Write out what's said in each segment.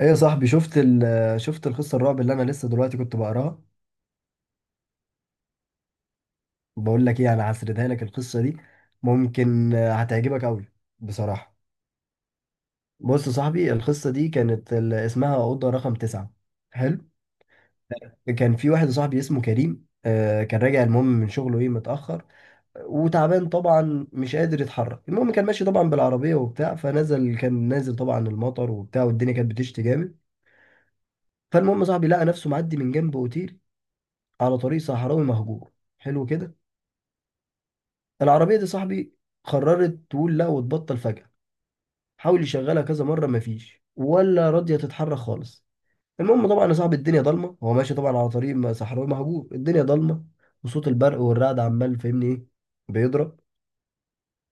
ايه يا صاحبي، شفت ال شفت القصه الرعب اللي انا لسه دلوقتي كنت بقراها؟ بقول لك ايه، انا هسردها لك القصه دي. ممكن هتعجبك قوي بصراحه. بص يا صاحبي، القصه دي كانت اسمها اوضه رقم تسعة. حلو. كان في واحد صاحبي اسمه كريم، كان راجع المهم من شغله ايه، متاخر وتعبان طبعا، مش قادر يتحرك. المهم كان ماشي طبعا بالعربيه وبتاع، فنزل كان نازل طبعا المطر وبتاع، والدنيا كانت بتشتي جامد. فالمهم صاحبي لقى نفسه معدي من جنب اوتيل على طريق صحراوي مهجور. حلو كده. العربية دي صاحبي قررت تقول لا وتبطل فجأة. حاول يشغلها كذا مرة، مفيش، ولا راضية تتحرك خالص. المهم طبعا يا صاحبي، الدنيا ضلمة، هو ماشي طبعا على طريق صحراوي مهجور، الدنيا ضلمة وصوت البرق والرعد عمال فاهمني ايه، بيضرب.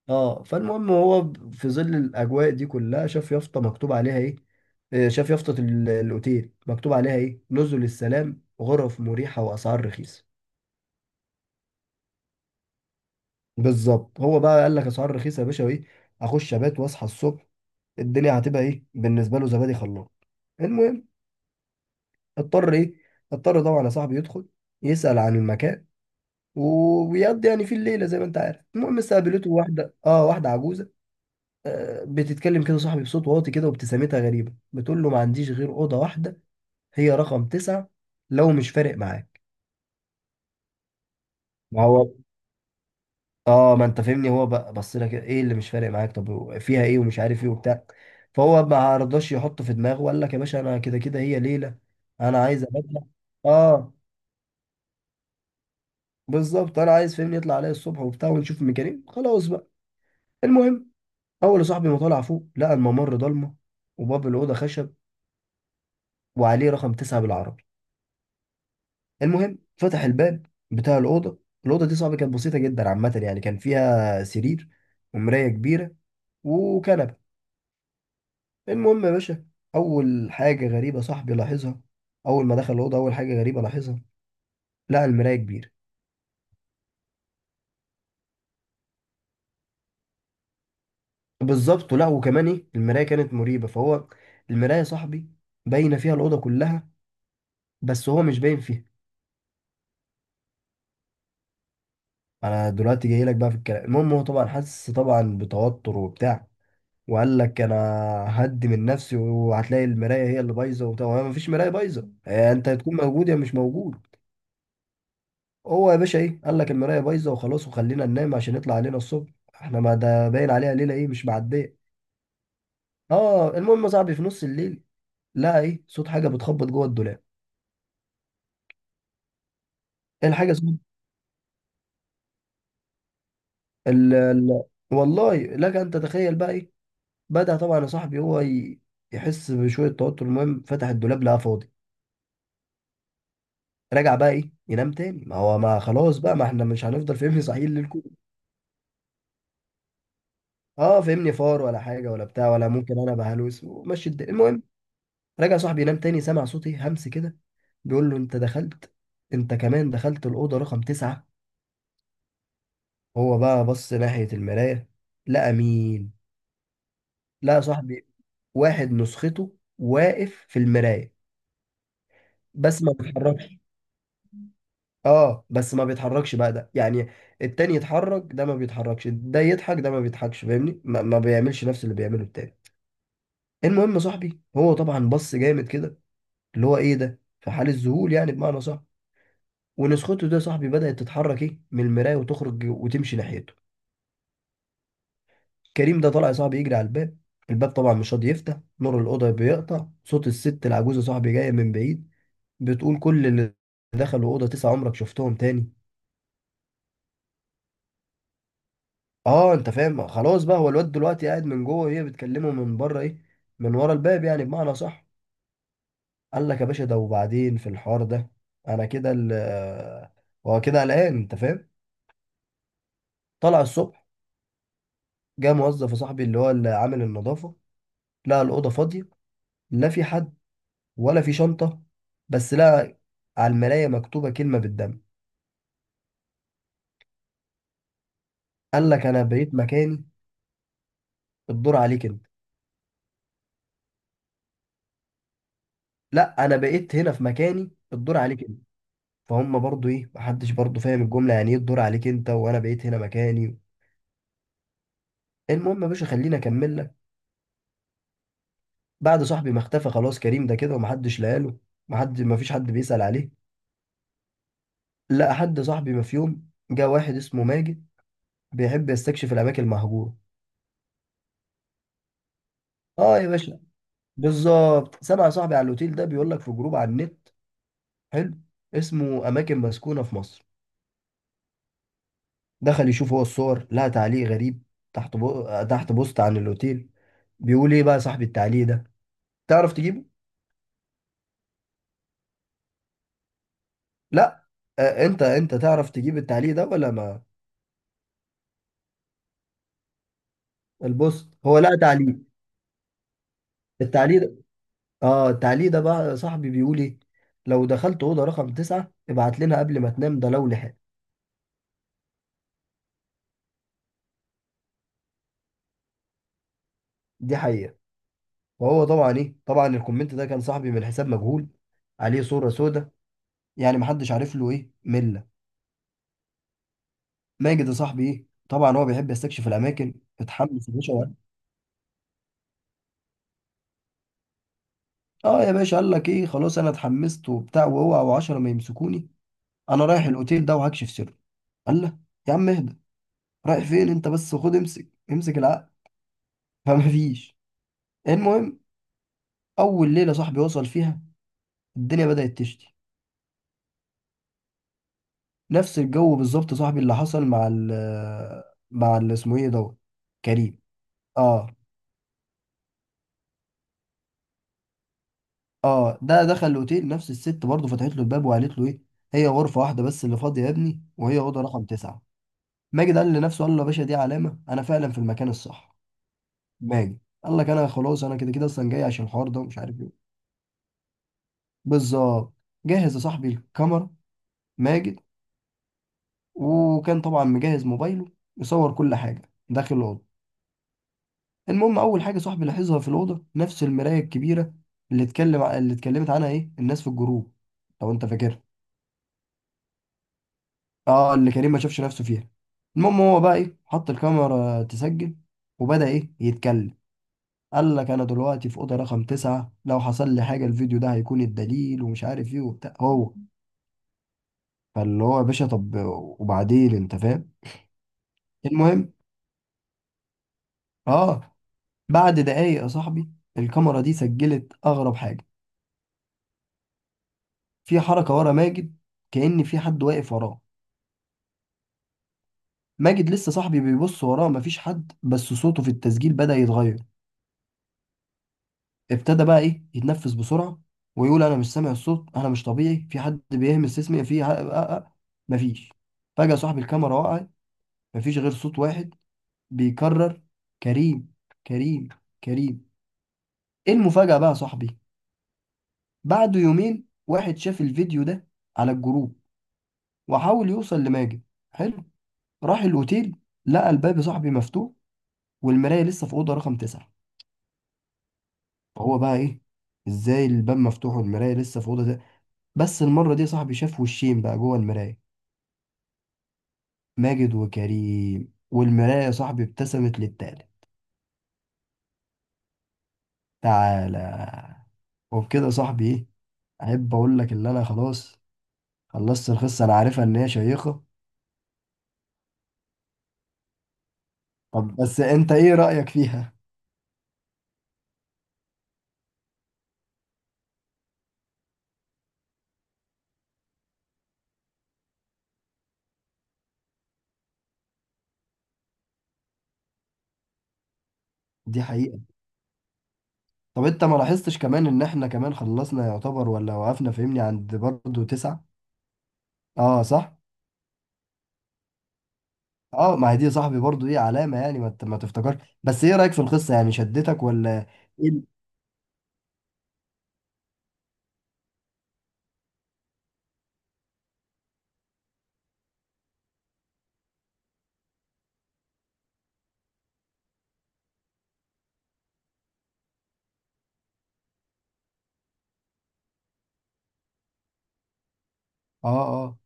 اه، فالمهم هو في ظل الأجواء دي كلها شاف يافطة مكتوب عليها ايه. شاف يافطة الأوتيل مكتوب عليها ايه، نزل السلام، غرف مريحة وأسعار رخيصة. بالظبط. هو بقى قال لك أسعار رخيصة يا باشا، وايه، أخش أبات وأصحى الصبح، الدنيا هتبقى ايه بالنسبه له، زبادي خلاص. المهم اضطر ايه، اضطر طبعا يا صاحبي يدخل يسال عن المكان ويقضي يعني في الليله زي ما انت عارف. المهم استقبلته واحده، اه، واحده عجوزه. آه بتتكلم كده صاحبي بصوت واطي كده، وابتسامتها غريبه، بتقول له ما عنديش غير اوضه واحده، هي رقم تسعة، لو مش فارق معاك. ما هو اه، ما انت فاهمني هو بقى بص لك ايه، اللي مش فارق معاك طب فيها ايه، ومش عارف ايه وبتاع. فهو ما رضاش يحط في دماغه وقال لك يا باشا انا كده كده هي ليله، انا عايز اباتها. اه، بالظبط، انا عايز فاهمني يطلع عليا الصبح وبتاع ونشوف الميكانيك خلاص بقى. المهم اول يا صاحبي ما طلع فوق، لقى الممر ضلمه، وباب الاوضه خشب، وعليه رقم تسعة بالعربي. المهم فتح الباب بتاع الاوضه. الاوضه دي صاحبي كانت بسيطه جدا عامه يعني، كان فيها سرير، ومرايه كبيره، وكنبه. المهم يا باشا، اول حاجه غريبه صاحبي لاحظها، اول ما دخل الاوضه، اول حاجه غريبه لاحظها، لقى المرايه كبيره. بالظبط، ولا وكمان ايه، المرايه كانت مريبه. فهو المرايه يا صاحبي باينه فيها الاوضه كلها، بس هو مش باين فيها. انا دلوقتي جاي لك بقى في الكلام. المهم هو طبعا حس طبعا بتوتر وبتاع وقال لك انا هدي من نفسي وهتلاقي المرايه هي اللي بايظه وبتاع، ما فيش مرايه بايظه، انت هتكون موجود يا مش موجود. هو يا باشا ايه، قال لك المرايه بايظه وخلاص وخلينا ننام عشان يطلع علينا الصبح، احنا ما ده باين عليها ليله ايه، مش معديه. اه، المهم يا صاحبي في نص الليل لقى ايه، صوت حاجه بتخبط جوه الدولاب. ايه الحاجه، صوت ال ال والله لك ان تتخيل بقى ايه. بدأ طبعا يا صاحبي يحس بشويه توتر. المهم فتح الدولاب لقى فاضي. رجع بقى ايه ينام تاني، ما هو ما خلاص بقى، ما احنا مش هنفضل فهمني صحيح الليل كله. اه فهمني، فار ولا حاجه ولا بتاع، ولا ممكن انا بهلوس، ومشي الدنيا. المهم رجع صاحبي ينام تاني، سمع صوتي همس كده بيقول له انت دخلت، انت كمان دخلت الأوضة رقم تسعة. هو بقى بص ناحية المراية، لقى مين، لقى صاحبي واحد نسخته واقف في المراية، بس ما بيتحركش. اه، بس ما بيتحركش بقى ده يعني، التاني يتحرك ده ما بيتحركش، ده يضحك ده ما بيضحكش، فاهمني ما بيعملش نفس اللي بيعمله التاني. المهم صاحبي هو طبعا بص جامد كده، اللي هو ايه ده في حال الذهول يعني بمعنى صح. ولسخوته ده يا صاحبي بدأت تتحرك ايه من المراية وتخرج وتمشي ناحيته. كريم ده طلع يا صاحبي يجري على الباب، الباب طبعا مش راضي يفتح، نور الأوضة بيقطع، صوت الست العجوزة يا صاحبي جاية من بعيد بتقول كل اللي دخلوا أوضة تسعة عمرك شفتهم تاني. اه انت فاهم خلاص بقى، هو الواد دلوقتي قاعد من جوه وهي بتكلمه من بره ايه، من ورا الباب يعني بمعنى صح. قال لك يا باشا ده، وبعدين في الحوار ده، انا كده هو كده قلقان انت فاهم. طلع الصبح، جه موظف يا صاحبي اللي هو اللي عامل النظافة، لقى الأوضة فاضية، لا في حد ولا في شنطة، بس لقى على المراية مكتوبة كلمة بالدم، قال لك أنا بقيت مكاني، الدور عليك أنت. لا، أنا بقيت هنا في مكاني، الدور عليك أنت. فهم برضو إيه، محدش برضو فاهم الجملة يعني إيه الدور عليك أنت وأنا بقيت هنا مكاني. المهم يا باشا خليني أكمل لك. بعد صاحبي ما اختفى خلاص كريم ده كده ومحدش لقاله، مفيش حد بيسأل عليه، لقى حد صاحبي. ما في يوم جه واحد اسمه ماجد، بيحب يستكشف الأماكن المهجورة. آه يا باشا، بالظبط، سمع صاحبي على الأوتيل ده، بيقول لك في جروب على النت، حلو، اسمه أماكن مسكونة في مصر. دخل يشوف هو الصور، لقى تعليق غريب تحت تحت بوست عن الأوتيل. بيقول إيه بقى صاحب التعليق ده، تعرف تجيبه؟ لا، آه أنت تعرف تجيب التعليق ده ولا ما البوست، هو لقى تعليق، التعليق ده. آه التعليق ده بقى صاحبي بيقول إيه، لو دخلت أوضة رقم تسعة ابعت لنا قبل ما تنام، ده لو لحق. دي حقيقة. وهو طبعا إيه، طبعا الكومنت ده كان صاحبي من حساب مجهول، عليه صورة سودة، يعني محدش عارف له إيه من. ماجد يا صاحبي ايه طبعا هو بيحب يستكشف الاماكن، اتحمس يا باشا وقال، اه يا باشا قال لك ايه خلاص انا اتحمست وبتاع، واوعى وعشرة ما يمسكوني، انا رايح الاوتيل ده وهكشف سره. قال له يا عم اهدى، رايح فين انت بس، خد امسك امسك العقل. فما فيش. المهم اول ليله صاحبي وصل فيها، الدنيا بدات تشتي، نفس الجو بالظبط صاحبي اللي حصل مع مع اللي اسمه ايه دوت. كريم. اه، اه، ده دخل الاوتيل، نفس الست برضه فتحت له الباب وقالت له ايه، هي غرفه واحده بس اللي فاضيه يا ابني وهي اوضه رقم تسعه. ماجد قال لنفسه، قال له يا باشا دي علامه، انا فعلا في المكان الصح. ماجد قال لك انا خلاص انا كده كده اصلا جاي عشان الحوار ده ومش عارف ايه. بالظبط. جهز يا صاحبي الكاميرا ماجد، وكان طبعا مجهز موبايله يصور كل حاجه داخل الاوضه. المهم اول حاجه صاحبي لاحظها في الاوضه، نفس المرايه الكبيره اللي اتكلمت عنها ايه الناس في الجروب، لو انت فاكرها. اه، اللي كريم ما شافش نفسه فيها. المهم هو بقى ايه، حط الكاميرا تسجل وبدأ ايه يتكلم، قال لك انا دلوقتي في اوضه رقم تسعة، لو حصل لي حاجه الفيديو ده هيكون الدليل، ومش عارف ايه وبتاع هو. فاللي هو يا باشا طب وبعدين انت فاهم. المهم اه، بعد دقايق يا صاحبي الكاميرا دي سجلت اغرب حاجه، في حركه ورا ماجد، كأن في حد واقف وراه. ماجد لسه صاحبي بيبص وراه مفيش حد، بس صوته في التسجيل بدأ يتغير. ابتدى بقى ايه يتنفس بسرعه، ويقول انا مش سامع الصوت، انا مش طبيعي، في حد بيهمس اسمي في مفيش. فجاه صاحب الكاميرا وقع، مفيش غير صوت واحد بيكرر كريم، كريم، كريم. ايه المفاجاه بقى يا صاحبي، بعد يومين واحد شاف الفيديو ده على الجروب، وحاول يوصل لماجد، حلو، راح الاوتيل، لقى الباب يا صاحبي مفتوح، والمرايه لسه في اوضه رقم تسعة. فهو بقى ايه، ازاي الباب مفتوح والمرايه لسه في اوضه. بس المرة دي يا صاحبي شاف وشين بقى جوه المراية، ماجد وكريم، والمراية يا صاحبي ابتسمت للتالت، تعالى. وبكده يا صاحبي ايه، احب اقول لك ان انا خلاص خلصت القصة، انا عارفها ان هي شيقة. طب بس انت ايه رأيك فيها. دي حقيقة. طب انت ما لاحظتش كمان ان احنا كمان خلصنا يعتبر ولا وقفنا فهمني عند برضه تسعة. اه صح. اه ما هي دي يا صاحبي برضه ايه علامة يعني، ما ما تفتكرش، بس ايه رأيك في القصة يعني شدتك ولا ايه اه اه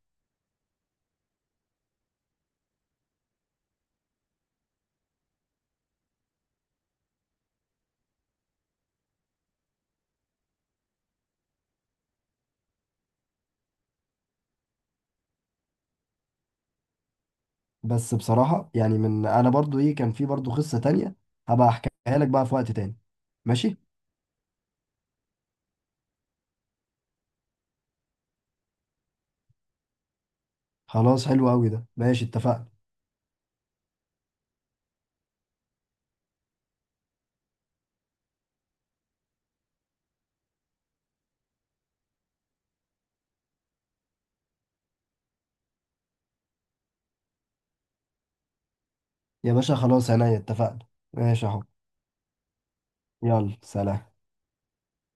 بس بصراحة يعني من أنا برضو إيه، كان في برضو قصة تانية، هبقى أحكيها لك بقى في وقت تاني. ماشي. خلاص حلو أوي، ده ماشي، اتفقنا. يا باشا خلاص عينيا، اتفقنا. ماشي أهو. يلا سلام.